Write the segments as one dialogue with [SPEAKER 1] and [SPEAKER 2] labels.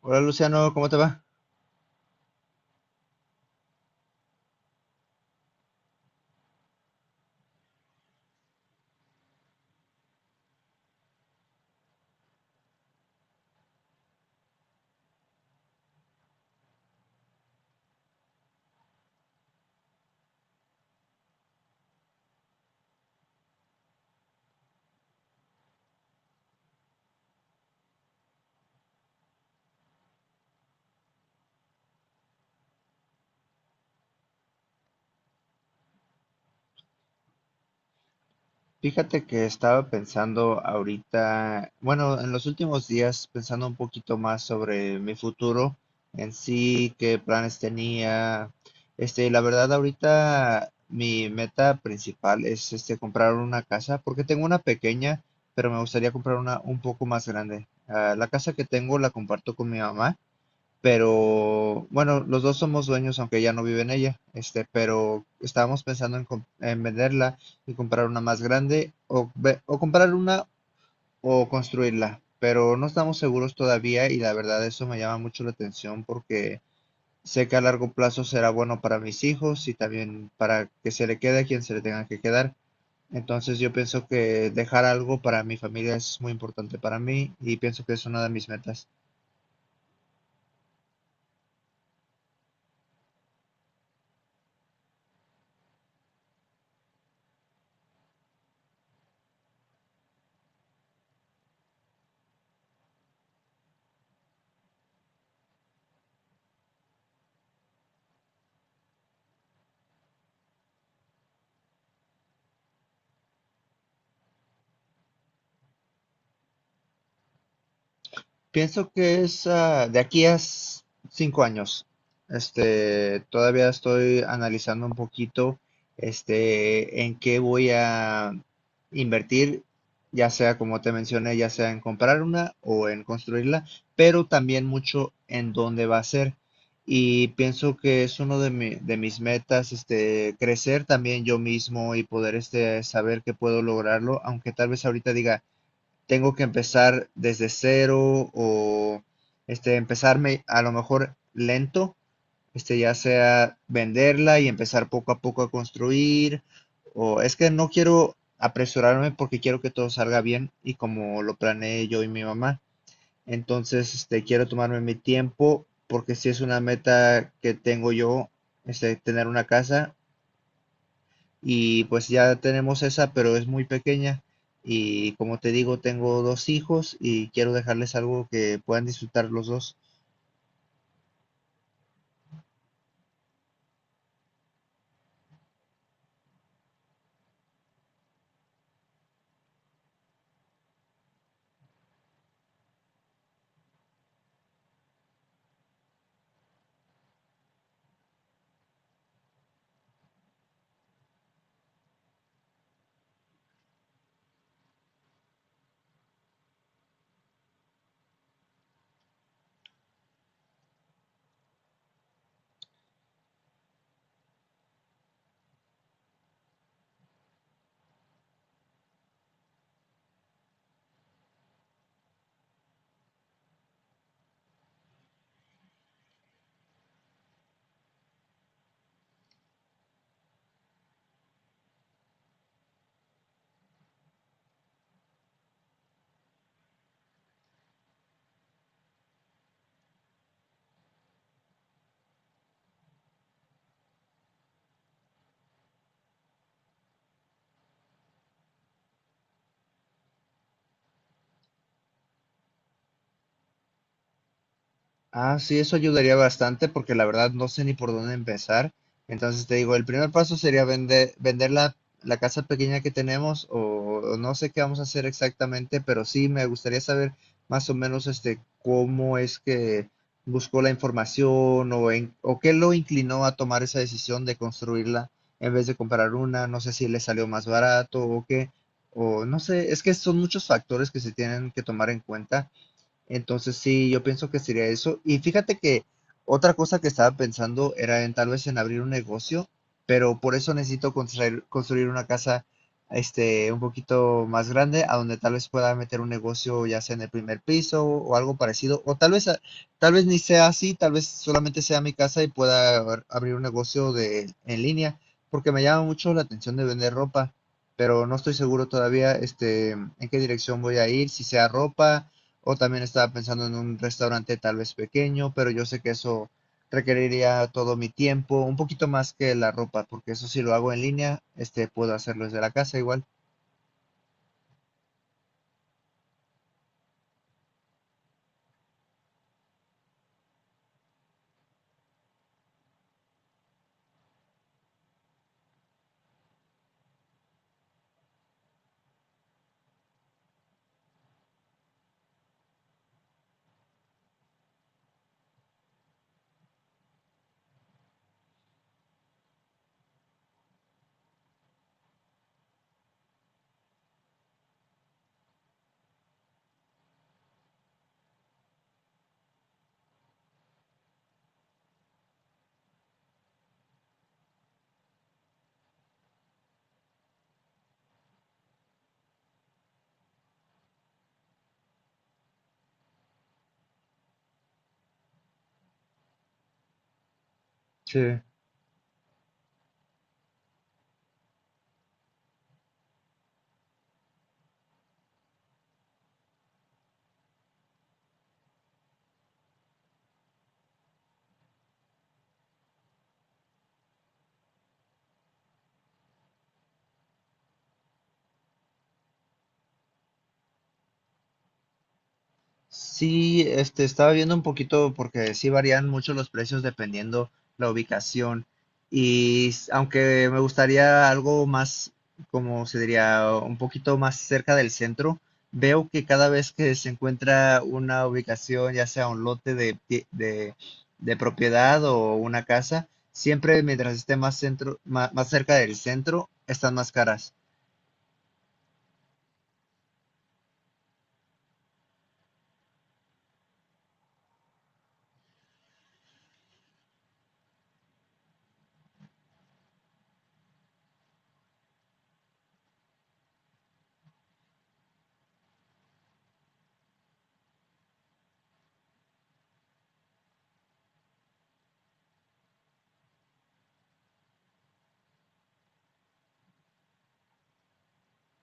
[SPEAKER 1] Hola Luciano, ¿cómo te va? Fíjate que estaba pensando ahorita, bueno, en los últimos días pensando un poquito más sobre mi futuro en sí, qué planes tenía. Este, la verdad ahorita mi meta principal es este comprar una casa porque tengo una pequeña, pero me gustaría comprar una un poco más grande. Ah, la casa que tengo la comparto con mi mamá. Pero bueno, los dos somos dueños, aunque ya no vive en ella, este, pero estábamos pensando en venderla y comprar una más grande o comprar una o construirla, pero no estamos seguros todavía y la verdad eso me llama mucho la atención porque sé que a largo plazo será bueno para mis hijos y también para que se le quede a quien se le tenga que quedar. Entonces yo pienso que dejar algo para mi familia es muy importante para mí y pienso que es una de mis metas. Pienso que es de aquí a 5 años. Este, todavía estoy analizando un poquito, este, en qué voy a invertir, ya sea como te mencioné, ya sea en comprar una o en construirla, pero también mucho en dónde va a ser. Y pienso que es uno de de mis metas, este, crecer también yo mismo y poder, este, saber que puedo lograrlo, aunque tal vez ahorita diga tengo que empezar desde cero o este, empezarme a lo mejor lento, este, ya sea venderla y empezar poco a poco a construir, o es que no quiero apresurarme porque quiero que todo salga bien y como lo planeé yo y mi mamá. Entonces, este, quiero tomarme mi tiempo porque si es una meta que tengo yo, este, tener una casa y pues ya tenemos esa, pero es muy pequeña. Y como te digo, tengo dos hijos y quiero dejarles algo que puedan disfrutar los dos. Ah, sí, eso ayudaría bastante porque la verdad no sé ni por dónde empezar. Entonces te digo, el primer paso sería vender, vender la casa pequeña que tenemos o no sé qué vamos a hacer exactamente, pero sí me gustaría saber más o menos este cómo es que buscó la información o qué lo inclinó a tomar esa decisión de construirla en vez de comprar una. No sé si le salió más barato o qué, o no sé, es que son muchos factores que se tienen que tomar en cuenta entonces sí, yo pienso que sería eso. Y fíjate que otra cosa que estaba pensando era en tal vez en abrir un negocio, pero por eso necesito construir, construir una casa este un poquito más grande a donde tal vez pueda meter un negocio ya sea en el primer piso o algo parecido o tal vez ni sea así, tal vez solamente sea mi casa y pueda abrir un negocio de en línea, porque me llama mucho la atención de vender ropa, pero no estoy seguro todavía este en qué dirección voy a ir, si sea ropa o también estaba pensando en un restaurante tal vez pequeño, pero yo sé que eso requeriría todo mi tiempo, un poquito más que la ropa, porque eso si lo hago en línea, este, puedo hacerlo desde la casa igual. Sí. Sí, este, estaba viendo un poquito porque sí varían mucho los precios dependiendo la ubicación. Y aunque me gustaría algo más, como se diría, un poquito más cerca del centro, veo que cada vez que se encuentra una ubicación, ya sea un lote de propiedad o una casa, siempre mientras esté más centro, más, cerca del centro, están más caras.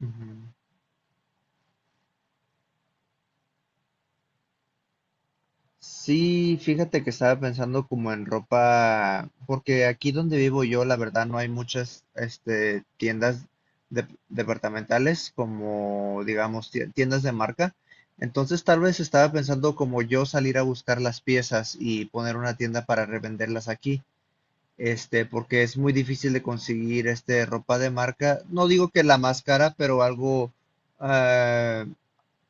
[SPEAKER 1] Ujú. Sí, fíjate que estaba pensando como en ropa, porque aquí donde vivo yo, la verdad, no hay muchas, este, tiendas departamentales como, digamos, tiendas de marca. Entonces, tal vez estaba pensando como yo salir a buscar las piezas y poner una tienda para revenderlas aquí, este, porque es muy difícil de conseguir, este, ropa de marca. No digo que la más cara, pero ah,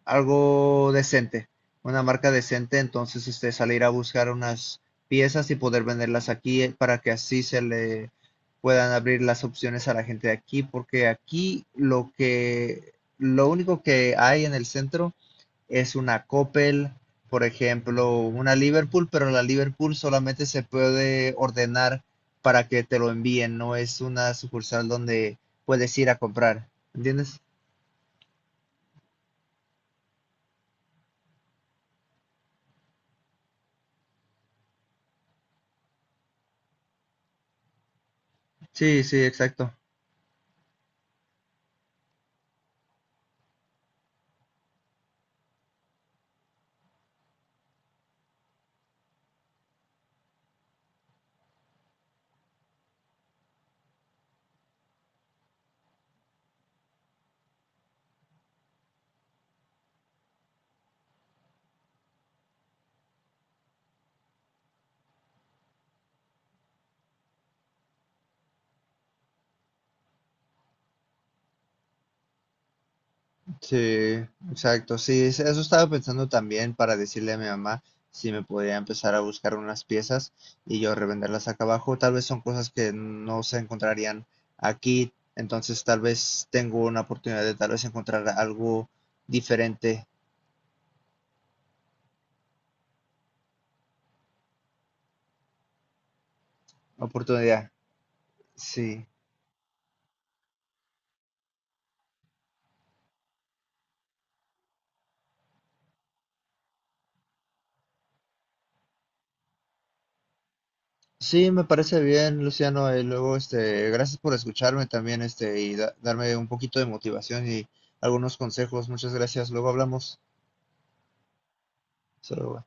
[SPEAKER 1] algo decente, una marca decente, entonces este, salir a buscar unas piezas y poder venderlas aquí, para que así se le puedan abrir las opciones a la gente de aquí, porque aquí lo único que hay en el centro es una Coppel, por ejemplo, una Liverpool, pero la Liverpool solamente se puede ordenar para que te lo envíen, no es una sucursal donde puedes ir a comprar, ¿entiendes? Sí, sí, exacto. Sí, exacto. Sí, eso estaba pensando también para decirle a mi mamá si me podía empezar a buscar unas piezas y yo revenderlas acá abajo. Tal vez son cosas que no se encontrarían aquí, entonces tal vez tengo una oportunidad de tal vez encontrar algo diferente. Oportunidad. Sí. Sí, me parece bien, Luciano. Y luego, este, gracias por escucharme también, este, y darme un poquito de motivación y algunos consejos. Muchas gracias. Luego hablamos. Solo